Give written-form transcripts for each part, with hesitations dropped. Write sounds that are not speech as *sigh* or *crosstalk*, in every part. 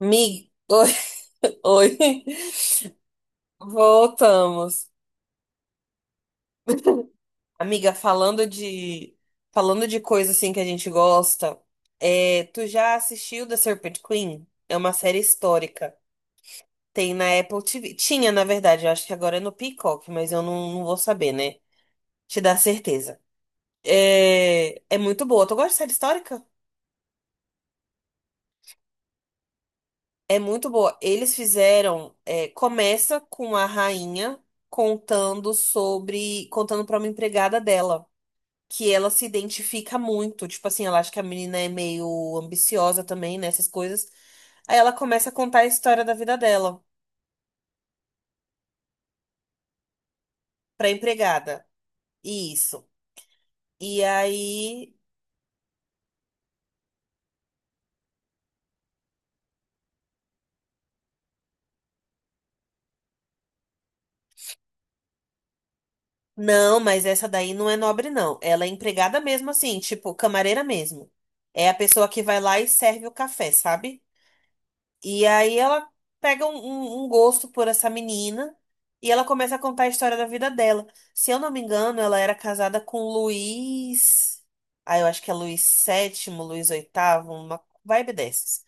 Mi... Oi, *laughs* oi. Voltamos. Amiga, falando de coisa assim que a gente gosta, tu já assistiu The Serpent Queen? É uma série histórica. Tem na Apple TV. Tinha, na verdade, eu acho que agora é no Peacock, mas eu não vou saber, né? Te dar certeza. É muito boa. Tu gosta de série histórica? É muito boa. Eles fizeram. Começa com a rainha contando sobre. Contando pra uma empregada dela. Que ela se identifica muito. Tipo assim, ela acha que a menina é meio ambiciosa também, né? Essas coisas. Aí ela começa a contar a história da vida dela pra empregada. Isso. E aí. Não, mas essa daí não é nobre, não. Ela é empregada mesmo, assim, tipo, camareira mesmo. É a pessoa que vai lá e serve o café, sabe? E aí ela pega um gosto por essa menina e ela começa a contar a história da vida dela. Se eu não me engano, ela era casada com Luiz. Ah, eu acho que é Luiz VII, Luiz VIII, uma vibe dessas.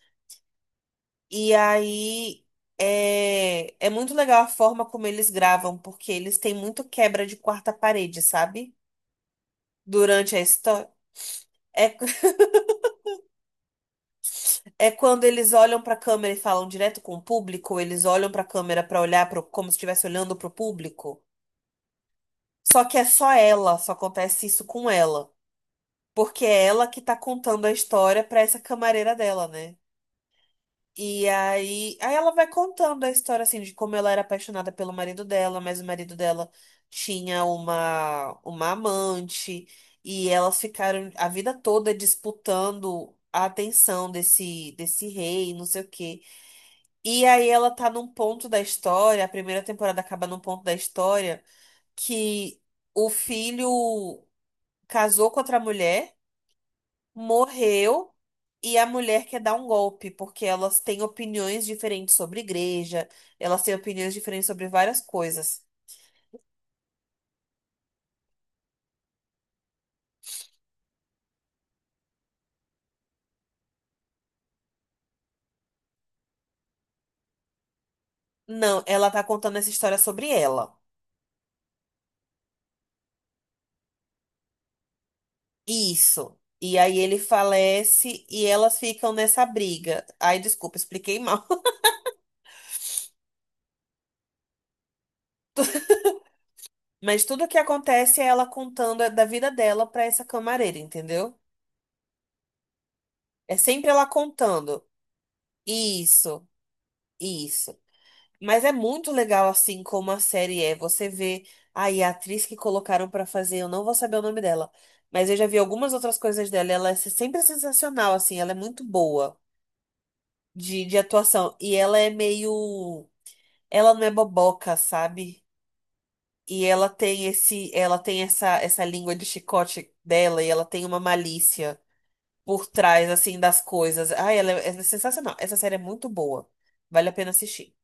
E aí é muito legal a forma como eles gravam, porque eles têm muito quebra de quarta parede, sabe? Durante a história. É, *laughs* é quando eles olham pra câmera e falam direto com o público, ou eles olham pra câmera pra olhar pro, como se estivesse olhando pro público. Só que é só ela, só acontece isso com ela. Porque é ela que tá contando a história pra essa camareira dela, né? E aí ela vai contando a história, assim, de como ela era apaixonada pelo marido dela, mas o marido dela tinha uma amante, e elas ficaram a vida toda disputando a atenção desse rei, não sei o quê. E aí ela tá num ponto da história, a primeira temporada acaba num ponto da história que o filho casou com outra mulher, morreu e a mulher quer dar um golpe, porque elas têm opiniões diferentes sobre igreja, elas têm opiniões diferentes sobre várias coisas. Não, ela tá contando essa história sobre ela. Isso. E aí ele falece e elas ficam nessa briga. Ai, desculpa, expliquei mal. *laughs* Mas tudo o que acontece é ela contando da vida dela pra essa camareira, entendeu? É sempre ela contando. Isso, isso. Mas é muito legal assim como a série é. Você vê aí a atriz que colocaram pra fazer, eu não vou saber o nome dela, mas eu já vi algumas outras coisas dela. E ela é sempre sensacional, assim, ela é muito boa de atuação. E ela é meio. Ela não é boboca, sabe? E ela tem esse, ela tem essa língua de chicote dela e ela tem uma malícia por trás, assim, das coisas. Ai, ela é é sensacional. Essa série é muito boa. Vale a pena assistir.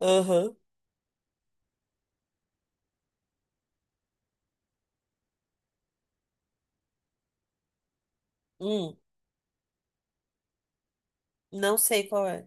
Aham. Hum, não sei qual é.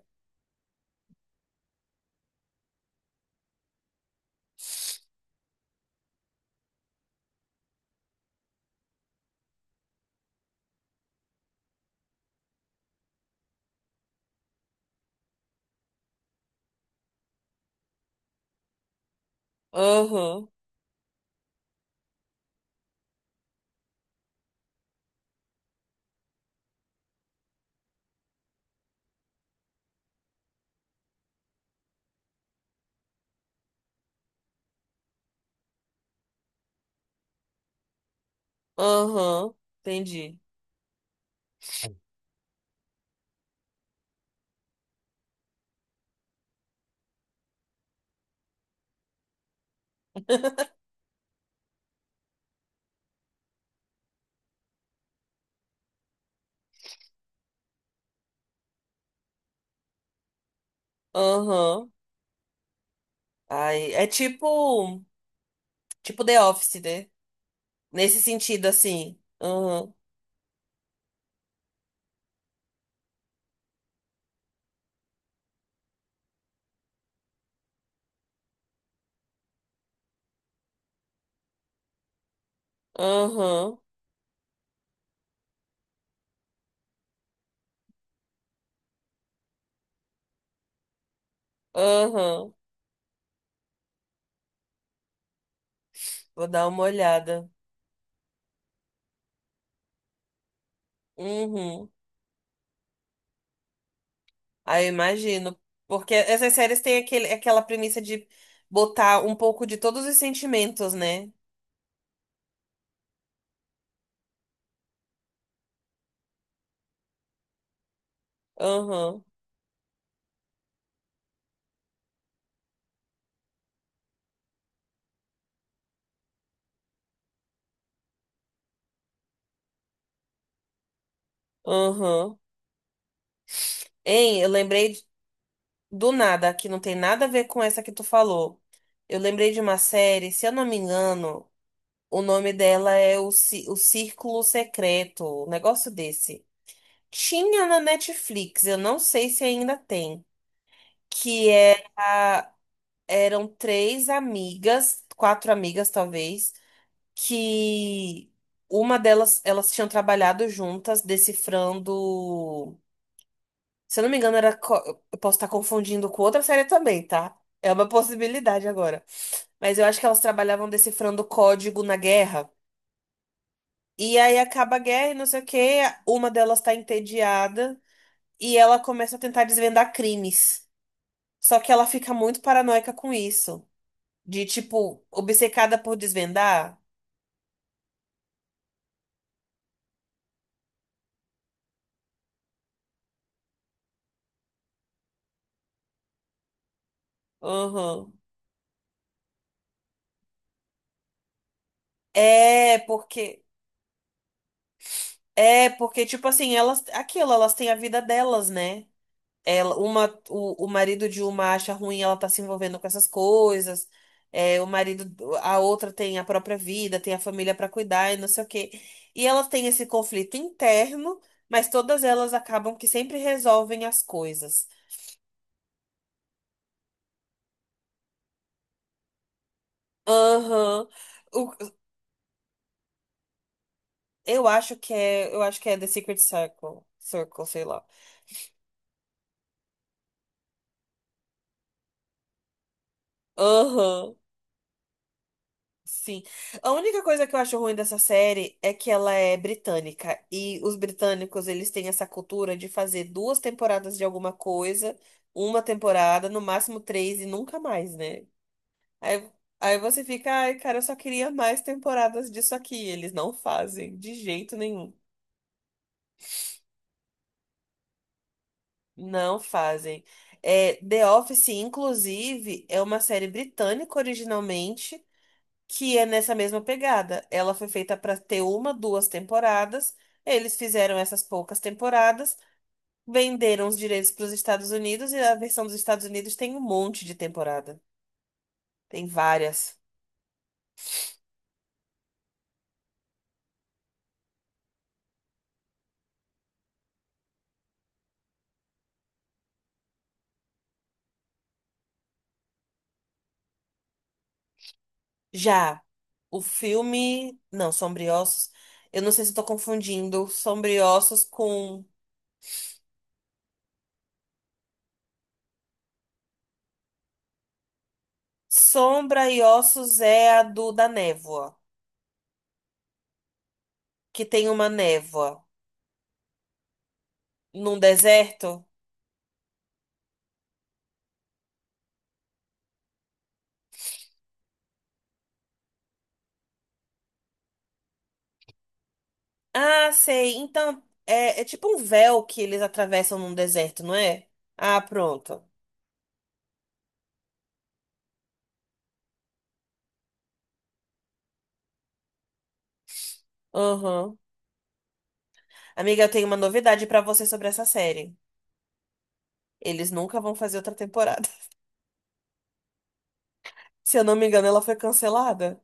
Aham. Aham. Entendi. Aham. Ai, é tipo, tipo The Office, né? Nesse sentido, assim. Aham. Aham. Aham. Vou dar uma olhada. Uhum. Aí eu imagino. Porque essas séries têm aquele, aquela premissa de botar um pouco de todos os sentimentos, né? Aham. Aham. Hein, eu lembrei do nada, que não tem nada a ver com essa que tu falou. Eu lembrei de uma série, se eu não me engano, o nome dela é O, Ci- o Círculo Secreto, um negócio desse. Tinha na Netflix, eu não sei se ainda tem, que era, eram três amigas, quatro amigas talvez, que uma delas, elas tinham trabalhado juntas decifrando Se eu não me engano, era. Co- eu posso estar confundindo com outra série também, tá? É uma possibilidade agora. Mas eu acho que elas trabalhavam decifrando código na guerra. E aí acaba a guerra e não sei o quê. Uma delas tá entediada e ela começa a tentar desvendar crimes. Só que ela fica muito paranoica com isso. De tipo, obcecada por desvendar. Uhum. É, porque. É, porque, tipo assim, elas. Aquilo, elas têm a vida delas, né? Ela, uma, o marido de uma acha ruim, ela tá se envolvendo com essas coisas. É, o marido, a outra tem a própria vida, tem a família pra cuidar e não sei o quê. E ela tem esse conflito interno, mas todas elas acabam que sempre resolvem as coisas. Aham. O- eu acho que é, eu acho que é The Secret Circle, Circle, sei lá. Aham. Sim. A única coisa que eu acho ruim dessa série é que ela é britânica. E os britânicos, eles têm essa cultura de fazer duas temporadas de alguma coisa, uma temporada, no máximo três e nunca mais, né? Aí, aí você fica, ai, cara, eu só queria mais temporadas disso aqui. Eles não fazem, de jeito nenhum. Não fazem. É, The Office, inclusive, é uma série britânica originalmente. Que é nessa mesma pegada. Ela foi feita para ter uma, duas temporadas. Eles fizeram essas poucas temporadas, venderam os direitos para os Estados Unidos e a versão dos Estados Unidos tem um monte de temporada. Tem várias. Já o filme, não, Sombriossos, eu não sei se estou confundindo Sombriossos com Sombra e Ossos é a do da névoa, que tem uma névoa num deserto. Ah, sei. Então, é, é tipo um véu que eles atravessam num deserto, não é? Ah, pronto. Aham. Amiga, eu tenho uma novidade pra você sobre essa série. Eles nunca vão fazer outra temporada. *laughs* Se eu não me engano, ela foi cancelada.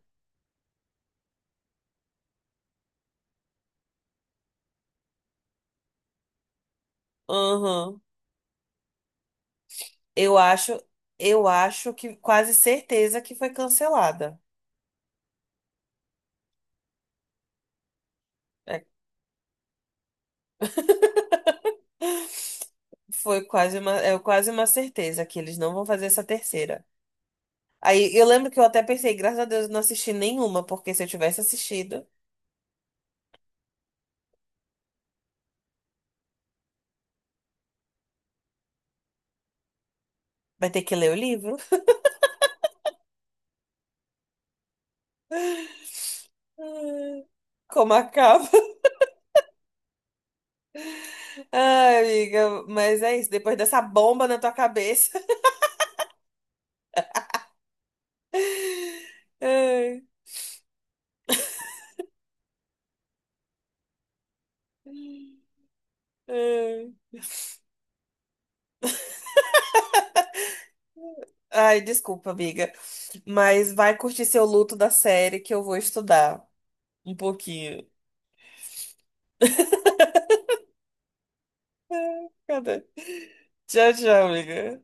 Aham. Eu acho, eu acho que quase certeza que foi cancelada. É. Foi quase uma, é quase uma certeza que eles não vão fazer essa terceira. Aí eu lembro que eu até pensei, graças a Deus, eu não assisti nenhuma, porque se eu tivesse assistido. Vai ter que ler o livro. *laughs* Como acaba. Ai, amiga, mas é isso. Depois dessa bomba na tua cabeça. *laughs* Ai, ai. Ai, desculpa, amiga. Mas vai curtir seu luto da série que eu vou estudar um pouquinho. Cadê? Tchau, tchau, amiga.